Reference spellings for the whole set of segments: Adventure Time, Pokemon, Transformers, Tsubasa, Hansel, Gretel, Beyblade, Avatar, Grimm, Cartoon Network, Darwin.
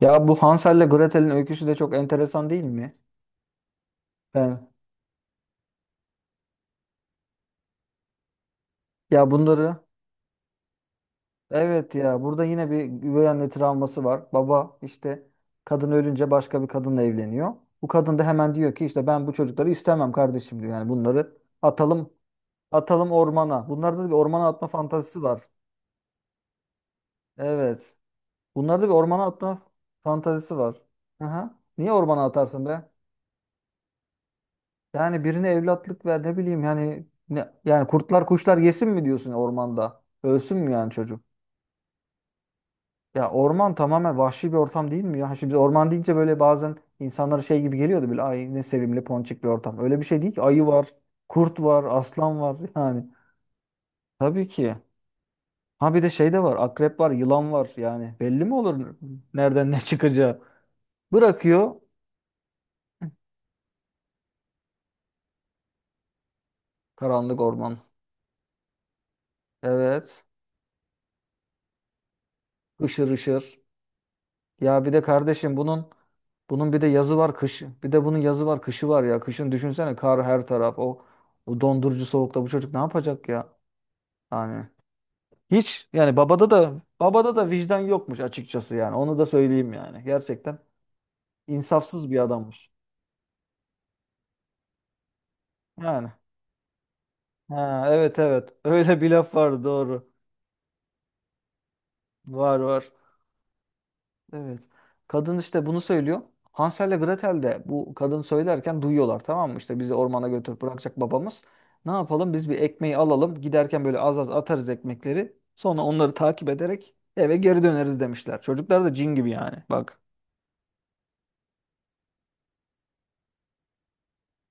Ya bu Hansel'le Gretel'in öyküsü de çok enteresan değil mi? Ben ya bunları Evet, ya burada yine bir üvey anne travması var. Baba işte kadın ölünce başka bir kadınla evleniyor. Bu kadın da hemen diyor ki işte ben bu çocukları istemem kardeşim diyor. Yani bunları atalım ormana. Bunlarda da bir ormana atma fantazisi var. Evet. Bunlarda bir ormana atma fantazisi var. Aha. Niye ormana atarsın be? Yani birine evlatlık ver ne bileyim yani ne, yani kurtlar kuşlar yesin mi diyorsun ormanda? Ölsün mü yani çocuk? Ya orman tamamen vahşi bir ortam değil mi ya? Şimdi biz orman deyince böyle bazen insanlara şey gibi geliyordu, böyle ay ne sevimli ponçik bir ortam. Öyle bir şey değil ki. Ayı var, kurt var, aslan var yani. Tabii ki. Ha bir de şey de var. Akrep var, yılan var yani. Belli mi olur nereden ne çıkacağı? Bırakıyor karanlık orman. Evet. Işır ışır. Ya bir de kardeşim bunun Bunun bir de yazı var kışı. Bir de bunun yazı var kışı var ya. Kışın düşünsene kar her taraf. O dondurucu soğukta bu çocuk ne yapacak ya? Yani hiç yani babada da vicdan yokmuş açıkçası yani. Onu da söyleyeyim yani. Gerçekten insafsız bir adammış. Yani. Ha, evet evet. Öyle bir laf var doğru. Var var. Evet. Kadın işte bunu söylüyor. Hansel ile Gretel de bu kadın söylerken duyuyorlar, tamam mı? İşte bizi ormana götürüp bırakacak babamız. Ne yapalım? Biz bir ekmeği alalım. Giderken böyle az az atarız ekmekleri. Sonra onları takip ederek eve geri döneriz demişler. Çocuklar da cin gibi yani. Bak.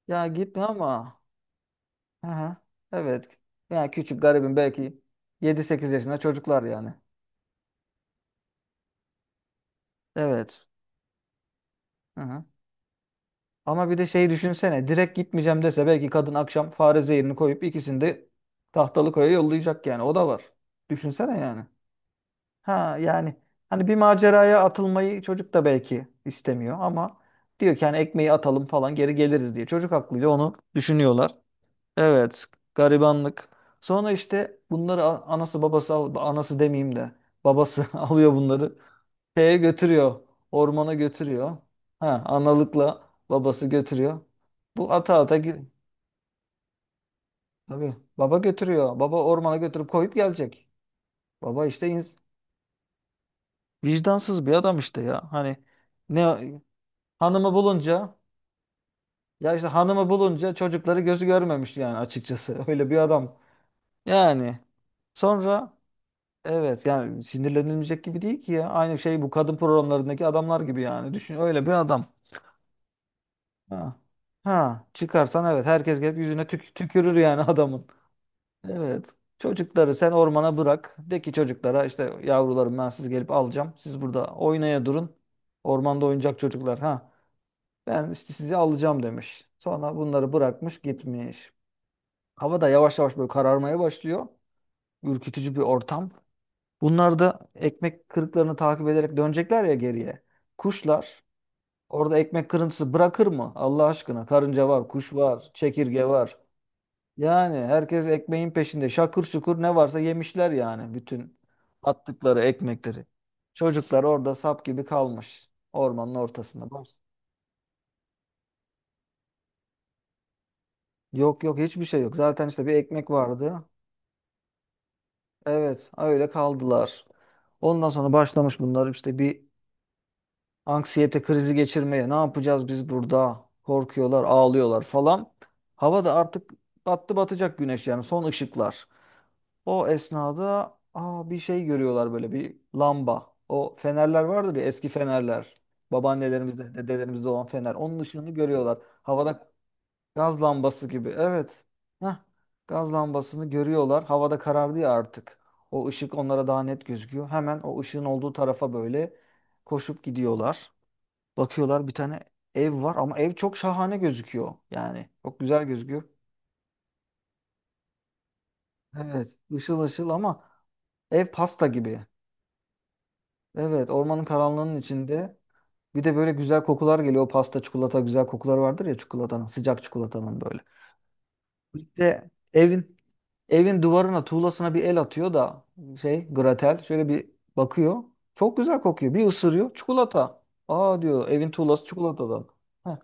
Ya gitme ama. Aha. Evet. Yani küçük garibim belki yedi sekiz yaşında çocuklar yani. Evet. Ama bir de şeyi düşünsene. Direkt gitmeyeceğim dese belki kadın akşam fare zehirini koyup ikisini de tahtalı koya yollayacak yani. O da var. Düşünsene yani. Ha yani hani bir maceraya atılmayı çocuk da belki istemiyor ama diyor ki hani ekmeği atalım falan geri geliriz diye. Çocuk aklıyla onu düşünüyorlar. Evet, garibanlık. Sonra işte bunları anası babası anası demeyeyim de babası alıyor bunları şeye götürüyor. Ormana götürüyor. Ha, analıkla babası götürüyor. Bu ata ata gi- Tabii baba götürüyor. Baba ormana götürüp koyup gelecek. Baba işte ins- Vicdansız bir adam işte ya. Hani ne hanımı bulunca çocukları gözü görmemiş yani açıkçası. Öyle bir adam. Yani sonra Evet yani sinirlenilmeyecek gibi değil ki ya. Aynı şey bu kadın programlarındaki adamlar gibi yani. Düşün öyle bir adam. Ha. Ha, çıkarsan evet herkes gelip yüzüne tük tükürür yani adamın. Evet. Çocukları sen ormana bırak. De ki çocuklara işte yavrularım ben sizi gelip alacağım. Siz burada oynaya durun. Ormanda oyuncak çocuklar ha. Ben işte sizi alacağım demiş. Sonra bunları bırakmış gitmiş. Hava da yavaş yavaş böyle kararmaya başlıyor. Ürkütücü bir ortam. Bunlar da ekmek kırıklarını takip ederek dönecekler ya geriye. Kuşlar orada ekmek kırıntısı bırakır mı? Allah aşkına karınca var, kuş var, çekirge var. Yani herkes ekmeğin peşinde. Şakır şukur ne varsa yemişler yani bütün attıkları ekmekleri. Çocuklar orada sap gibi kalmış ormanın ortasında. Bak. Yok yok hiçbir şey yok. Zaten işte bir ekmek vardı. Evet öyle kaldılar. Ondan sonra başlamış bunlar işte bir anksiyete krizi geçirmeye. Ne yapacağız biz burada? Korkuyorlar, ağlıyorlar falan. Hava da artık battı batacak güneş yani son ışıklar. O esnada aa, bir şey görüyorlar böyle bir lamba. O fenerler vardır ya eski fenerler. Babaannelerimizde, dedelerimizde olan fener. Onun ışığını görüyorlar. Havada gaz lambası gibi. Evet. Heh. Gaz lambasını görüyorlar. Havada karardı ya artık. O ışık onlara daha net gözüküyor. Hemen o ışığın olduğu tarafa böyle koşup gidiyorlar. Bakıyorlar bir tane ev var ama ev çok şahane gözüküyor. Yani çok güzel gözüküyor. Evet, ışıl ışıl ama ev pasta gibi. Evet, ormanın karanlığının içinde. Bir de böyle güzel kokular geliyor. O pasta, çikolata güzel kokular vardır ya çikolatanın, sıcak çikolatanın böyle. Bir de evin Evin duvarına, tuğlasına bir el atıyor da şey, Gratel şöyle bir bakıyor. Çok güzel kokuyor. Bir ısırıyor çikolata. Aa diyor, evin tuğlası çikolatadan. Heh.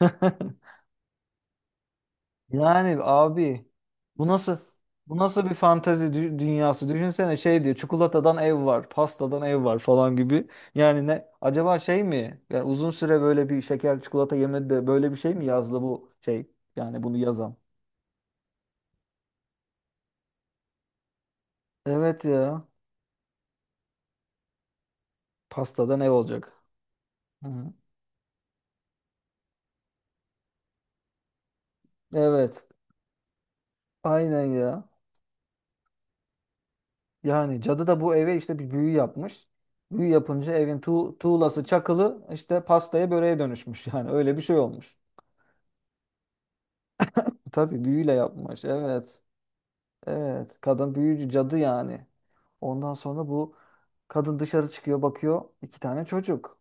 Yani abi bu nasıl bu nasıl bir fantezi dünyası? Düşünsene şey diyor çikolatadan ev var, pastadan ev var falan gibi. Yani ne acaba şey mi? Yani uzun süre böyle bir şeker çikolata yemedi de böyle bir şey mi yazdı bu şey? Yani bunu yazan. Evet ya. Pastadan ev olacak. Hı hı. Evet. Aynen ya. Yani cadı da bu eve işte bir büyü yapmış. Büyü yapınca evin tuğlası çakılı işte pastaya böreğe dönüşmüş. Yani öyle bir şey olmuş. Tabii büyüyle yapmış. Evet. Evet. Kadın büyücü cadı yani. Ondan sonra bu kadın dışarı çıkıyor bakıyor iki tane çocuk.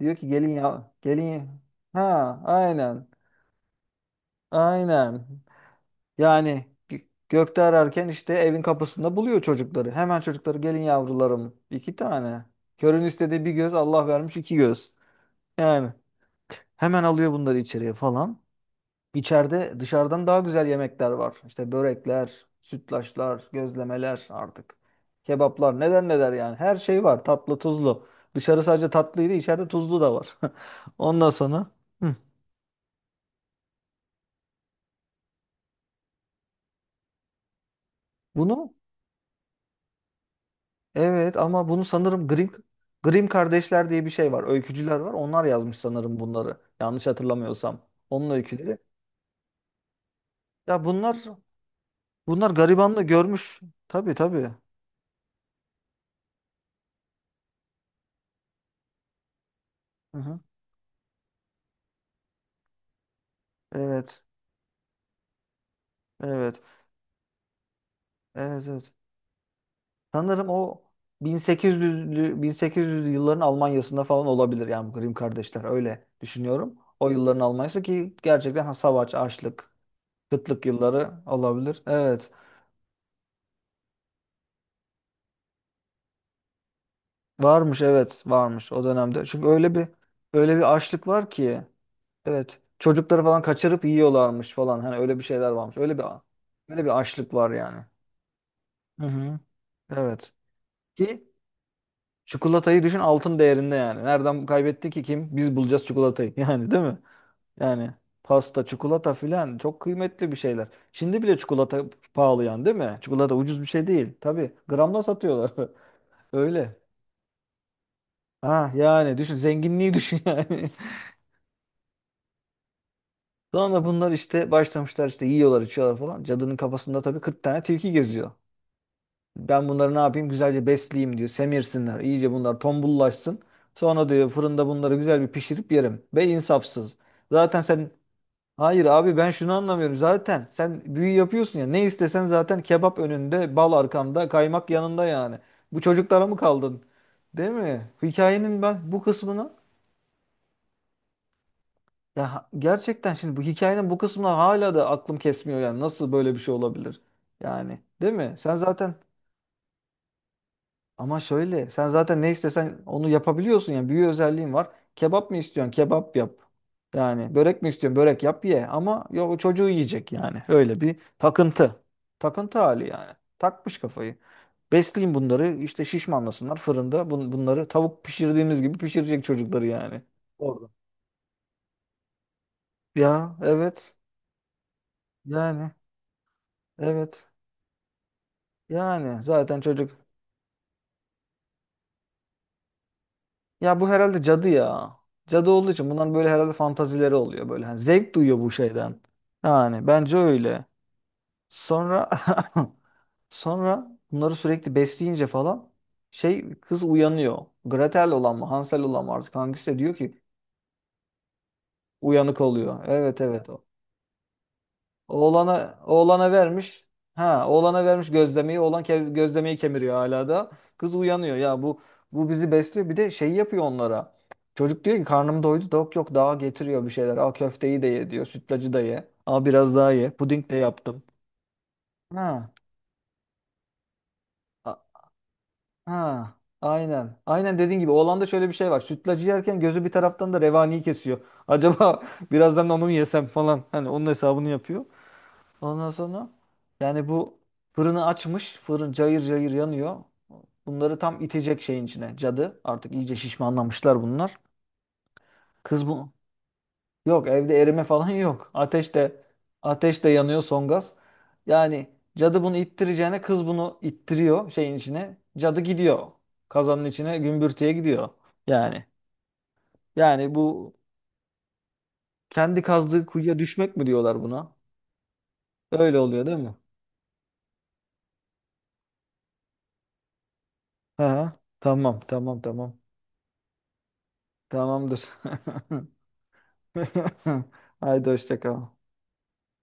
Diyor ki gelin ya gelin. Ha aynen. Aynen. Yani gökte ararken işte evin kapısında buluyor çocukları. Hemen çocukları gelin yavrularım. İki tane. Körün istediği bir göz Allah vermiş iki göz. Yani hemen alıyor bunları içeriye falan. İçeride dışarıdan daha güzel yemekler var. İşte börekler, sütlaçlar, gözlemeler artık. Kebaplar neler neler yani. Her şey var tatlı tuzlu. Dışarı sadece tatlıydı içeride tuzlu da var. Ondan sonra hı, bunu Evet ama bunu sanırım Grimm, Grimm kardeşler diye bir şey var. Öykücüler var. Onlar yazmış sanırım bunları. Yanlış hatırlamıyorsam. Onun öyküleri. Ya bunlar Bunlar garibanlığı görmüş. Tabii tabii. Hı hı. Evet. Evet. Evet, evet. Sanırım o 1800'lü yılların Almanya'sında falan olabilir yani bu Grimm kardeşler öyle düşünüyorum. O yılların Almanya'sı ki gerçekten ha, savaş, açlık, kıtlık yılları olabilir. Evet. Varmış evet varmış o dönemde. Çünkü öyle bir açlık var ki evet çocukları falan kaçırıp yiyorlarmış falan hani öyle bir şeyler varmış. Öyle bir açlık var yani. Hı hı. Evet. Ki çikolatayı düşün altın değerinde yani. Nereden kaybetti ki kim? Biz bulacağız çikolatayı yani değil mi? Yani pasta, çikolata filan çok kıymetli bir şeyler. Şimdi bile çikolata pahalı yani değil mi? Çikolata ucuz bir şey değil. Tabii gramla satıyorlar. Öyle. Ha yani düşün zenginliği düşün yani. Sonra bunlar işte başlamışlar işte yiyorlar içiyorlar falan. Cadının kafasında tabii 40 tane tilki geziyor. Ben bunları ne yapayım güzelce besleyeyim diyor. Semirsinler iyice bunlar tombullaşsın. Sonra diyor fırında bunları güzel bir pişirip yerim. Be insafsız. Zaten sen Hayır abi ben şunu anlamıyorum. Zaten sen büyü yapıyorsun ya. Ne istesen zaten kebap önünde, bal arkanda, kaymak yanında yani. Bu çocuklara mı kaldın? Değil mi? Hikayenin ben bu kısmına ya ha- Gerçekten şimdi bu hikayenin bu kısmına hala da aklım kesmiyor yani. Nasıl böyle bir şey olabilir? Yani değil mi? Sen zaten Ama şöyle sen zaten ne istesen onu yapabiliyorsun yani büyü özelliğin var. Kebap mı istiyorsun? Kebap yap. Yani börek mi istiyorsun? Börek yap ye. Ama ya o çocuğu yiyecek yani. Öyle bir takıntı. Takıntı hali yani. Takmış kafayı. Besleyin bunları işte şişmanlasınlar fırında. Bunları tavuk pişirdiğimiz gibi pişirecek çocukları yani. Doğru. Ya evet. Yani evet. Yani zaten çocuk Ya bu herhalde cadı ya. Cadı olduğu için bunların böyle herhalde fantazileri oluyor böyle. Hani zevk duyuyor bu şeyden. Yani bence öyle. Sonra sonra bunları sürekli besleyince falan şey kız uyanıyor. Gretel olan mı Hansel olan mı artık hangisi de diyor ki uyanık oluyor. Evet evet. Oğlana vermiş. Ha, oğlana vermiş gözlemeyi. Oğlan kez, gözlemeyi kemiriyor hala da. Kız uyanıyor. Ya bu bizi besliyor. Bir de şey yapıyor onlara. Çocuk diyor ki karnım doydu yok yok daha getiriyor bir şeyler. Aa köfteyi de ye diyor. Sütlacı da ye. Aa biraz daha ye. Puding de yaptım. Ha. a- Ha. Aynen. Aynen dediğin gibi oğlanda şöyle bir şey var. Sütlacı yerken gözü bir taraftan da revaniyi kesiyor. Acaba birazdan onu mu yesem falan. Hani onun hesabını yapıyor. Ondan sonra yani bu Fırını açmış. Fırın cayır cayır yanıyor. Bunları tam itecek şeyin içine. Cadı. Artık iyice şişmanlamışlar bunlar. Kız bu. Yok evde erime falan yok. Ateş de yanıyor son gaz. Yani cadı bunu ittireceğine kız bunu ittiriyor şeyin içine. Cadı gidiyor. Kazanın içine gümbürtüye gidiyor. Yani yani bu kendi kazdığı kuyuya düşmek mi diyorlar buna? Öyle oluyor değil mi? Ha, tamam tamam tamam. Tamamdır. Haydi hoşça kal.